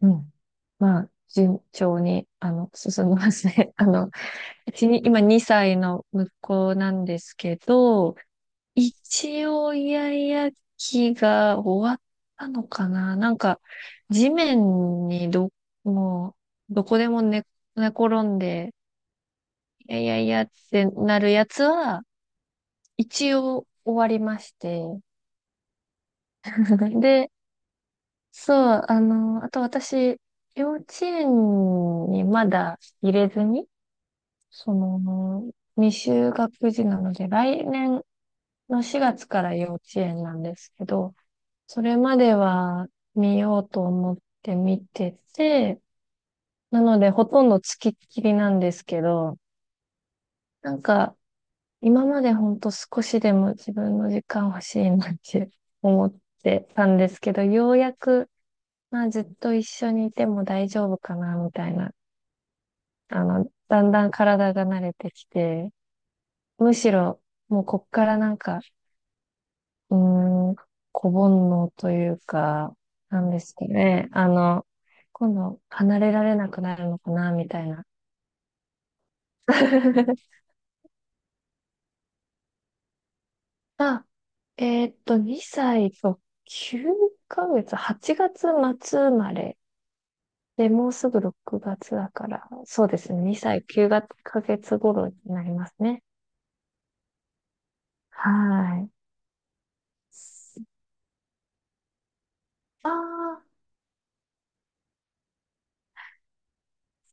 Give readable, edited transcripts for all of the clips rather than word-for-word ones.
うん。まあ、順調に、進みますね。うちに、今2歳の息子なんですけど、一応、イヤイヤ期が終わったのかななんか、地面にど、もう、どこでも寝転んで、いやいやいやってなるやつは、一応終わりまして。で、そう、あと私、幼稚園にまだ入れずに、その、未就学児なので、来年の4月から幼稚園なんですけど、それまでは見ようと思って見てて、なのでほとんど付きっきりなんですけど、なんか今までほんと少しでも自分の時間欲しいなって 思ってたんですけど、ようやく、まあずっと一緒にいても大丈夫かなみたいな、だんだん体が慣れてきて、むしろもうこっからなんかうーん、子煩悩というか、なんですかね。今度離れられなくなるのかな、みたいな。あ、2歳と9ヶ月、8月末生まれ。で、もうすぐ6月だから、そうですね。2歳9ヶ月頃になりますね。はい。ああ、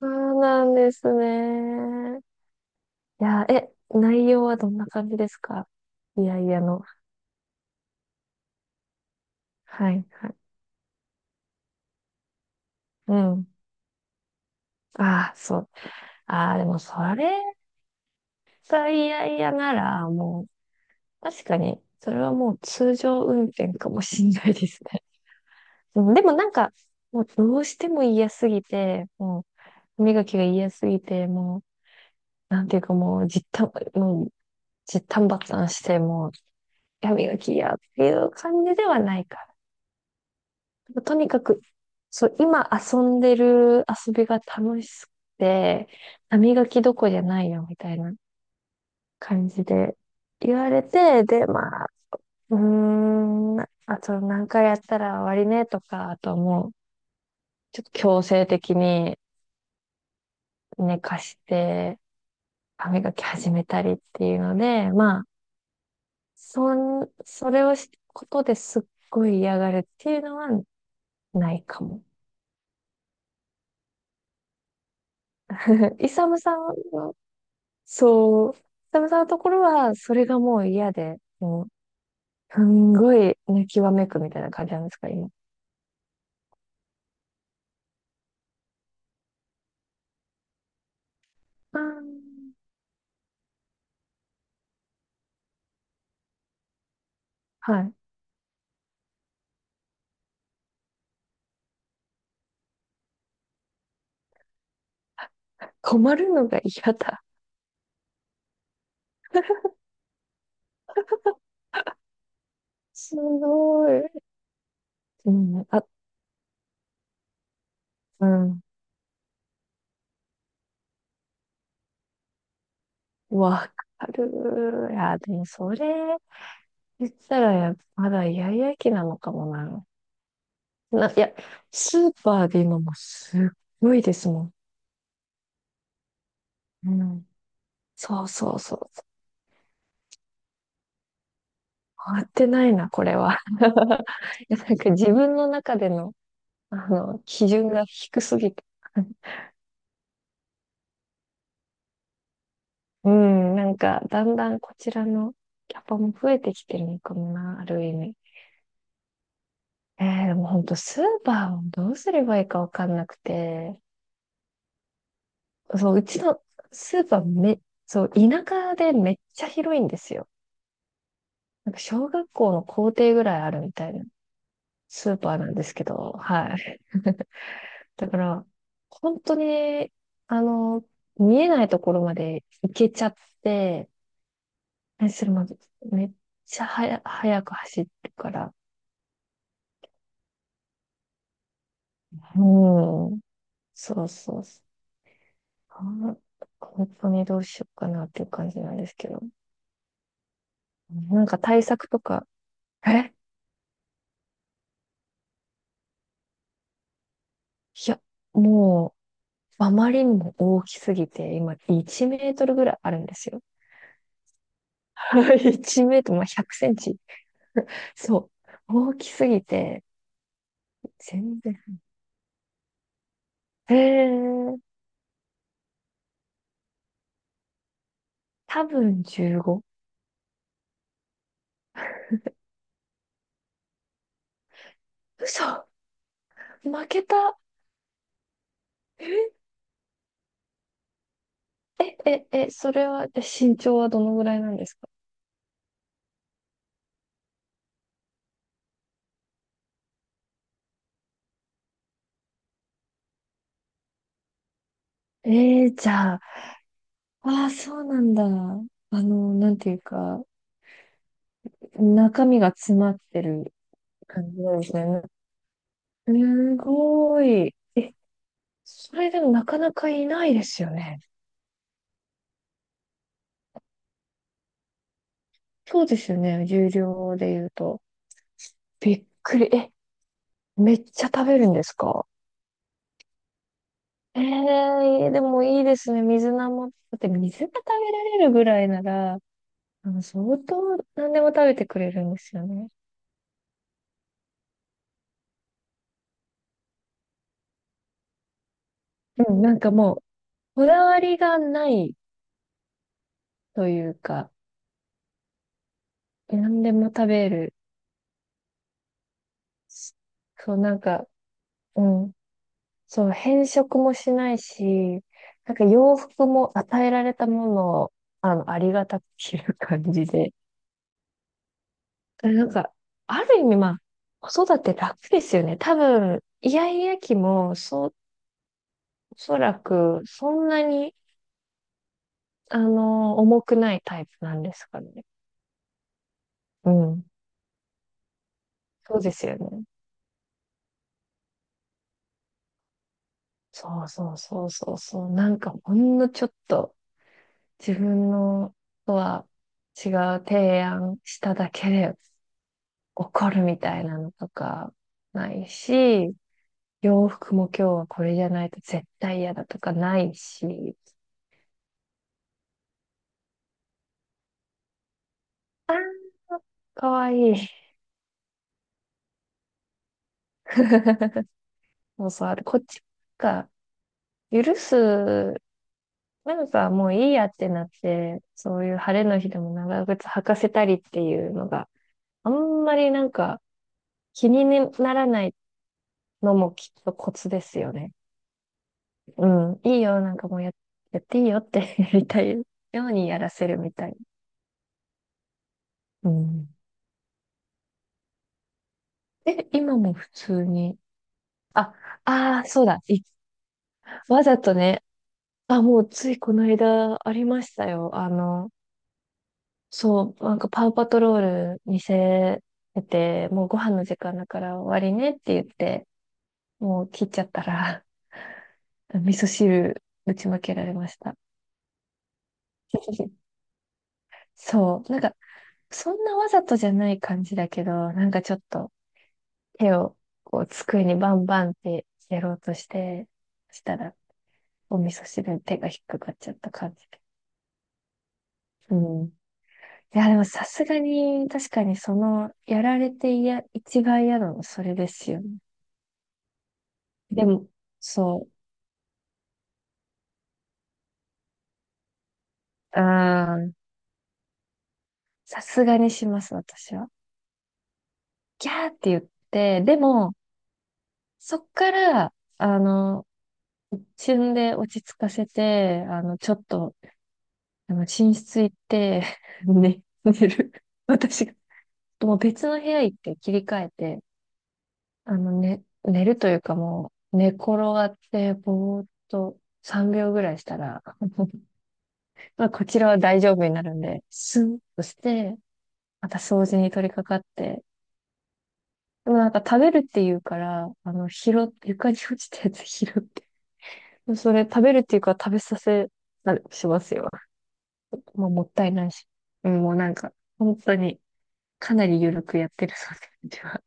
そうなんですね。いや、内容はどんな感じですか？いやいやの。はいはい。うん。ああ、そう。ああ、でもそれが嫌々なら、もう、確かに、それはもう通常運転かもしんないですね。うんでもなんか、もうどうしても嫌すぎて、もう、歯磨きが嫌すぎて、もう、なんていうかもう、もう、じったんばったんして、もう、歯磨き嫌っていう感じではないから。とにかく、そう、今遊んでる遊びが楽しくて、歯磨きどこじゃないよ、みたいな。感じで言われて、で、まあ、あと何回やったら終わりねとか、あとはもう、ちょっと強制的に寝かして、歯磨き始めたりっていうので、まあ、そそれをし、ことですっごい嫌がるっていうのはないかも。イサムさんの、そう、イサムさんのところは、それがもう嫌で、もう、すんごい泣きわめくみたいな感じなんですか、今？あーはい。困るのが嫌だ。すごい。うん、あ、うん。わかる。いや、でもそれ言ったら、まだイヤイヤ期なのかもな。いや、スーパーで今もうすっごいですもん。うん。そうそうそう。回ってないな、これは。いや、なんか自分の中での、基準が低すぎて。うん、なんか、だんだんこちらのキャパも増えてきてるのかもな、ある意味。えー、でも本当スーパーをどうすればいいかわかんなくて、そう、うちのスーパーめ、そう、田舎でめっちゃ広いんですよ。なんか小学校の校庭ぐらいあるみたいなスーパーなんですけど、はい。だから、本当に、あの、見えないところまで行けちゃって、それもめっちゃ早く走るから、うん、そうそうそう。あ本当にどうしようかなっていう感じなんですけど。なんか対策とか、えいや、もう、あまりにも大きすぎて、今、1メートルぐらいあるんですよ。1メートル、まあ、100センチ。そう。大きすぎて、全然。えー、多分15。嘘負けた。え、それは、身長はどのぐらいなんですか？えー、じゃあ、ああ、そうなんだ。なんていうか、中身が詰まってる感じなんですね。すごい。それでもなかなかいないですよね。そうですよね。重量で言うと。びっくり。めっちゃ食べるんですか？ええでもいいですね。水菜も。だって水が食べられるぐらいなら、相当何でも食べてくれるんですよね。うん、なんかもう、こだわりがないというか、何でも食べる。そう、なんか、うん。そう、変色もしないし、なんか洋服も与えられたものを、ありがたく着る感じで。なんか、ある意味、まあ、子育て楽ですよね。多分、イヤイヤ期も、そう、おそらく、そんなに、重くないタイプなんですかね。うん。そうですよね。そうそうそうそうそう。なんか、ほんのちょっと、自分のとは違う提案しただけで、怒るみたいなのとかないし、洋服も今日はこれじゃないと絶対嫌だとかないし、かわいい。もうそうある。こっちが許す、なんかもういいやってなって、そういう晴れの日でも長靴履かせたりっていうのがあんまりなんか気にならないのもきっとコツですよね。うん。いいよ。なんかもうやっていいよって やりたいようにやらせるみたい。うん。今も普通にあ、ああ、そうだ。わざとね。あ、もうついこの間ありましたよ。そう、なんかパウパトロール見せてて、もうご飯の時間だから終わりねって言って、もう切っちゃったら、味噌汁ぶちまけられました。そう、なんか、そんなわざとじゃない感じだけど、なんかちょっと手をこう机にバンバンってやろうとして、したら、お味噌汁に手が引っかかっちゃった感じで。うんいや、でもさすがに、確かにやられていや、一番嫌なのそれですよね。でも、そう、さすがにします、私は。ギャーって言って、でも、そっから、旬で落ち着かせて、ちょっと、寝室行って、寝る。私が、もう別の部屋行って切り替えて、寝るというかもう、寝転がって、ぼーっと3秒ぐらいしたら、まあ、こちらは大丈夫になるんで、スンとして、また掃除に取り掛かって、でもなんか食べるっていうから、床に落ちたやつ 拾って、それ食べるっていうから食べさせ、なしますよ。まあ、もったいないし。うん、もうなんか、本当に、かなり緩くやってるそうでうちは。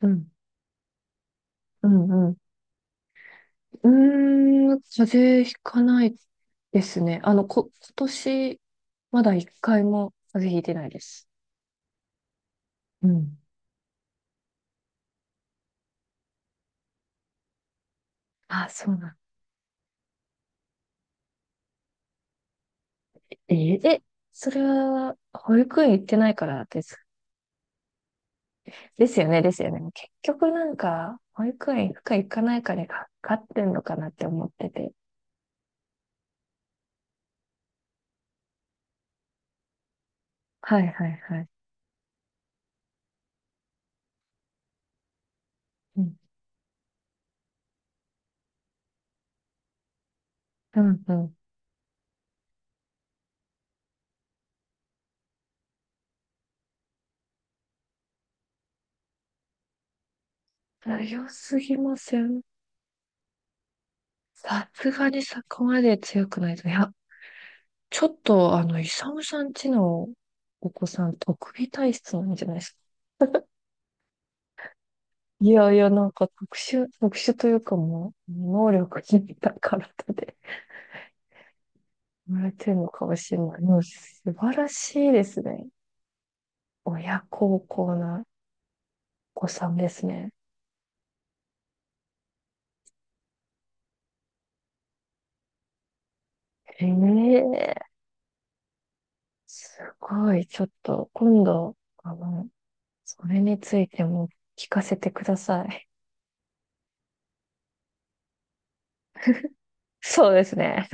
うん、うん、うん。風邪ひかないですね。今年、まだ一回も風邪ひいてないです。うん。あ、そうなんだ。えー、え、それは、保育園行ってないからです。ですよね、ですよね。結局なんか、保育園行くか行かないかにかかってんのかなって思ってて。はいはいはい。うん、うん、うん。強すぎません？さすがにそこまで強くないと。いや、ちょっと、イサムさんちのお子さん、特技体質なんじゃないですか？いやいや、なんか特殊というかもう、能力に高らで。生まれてるのかもしれない。でも素晴らしいですね。親孝行なお子さんですね。へえ、すごい。ちょっと、今度、あの、それについても聞かせてください。そうですね。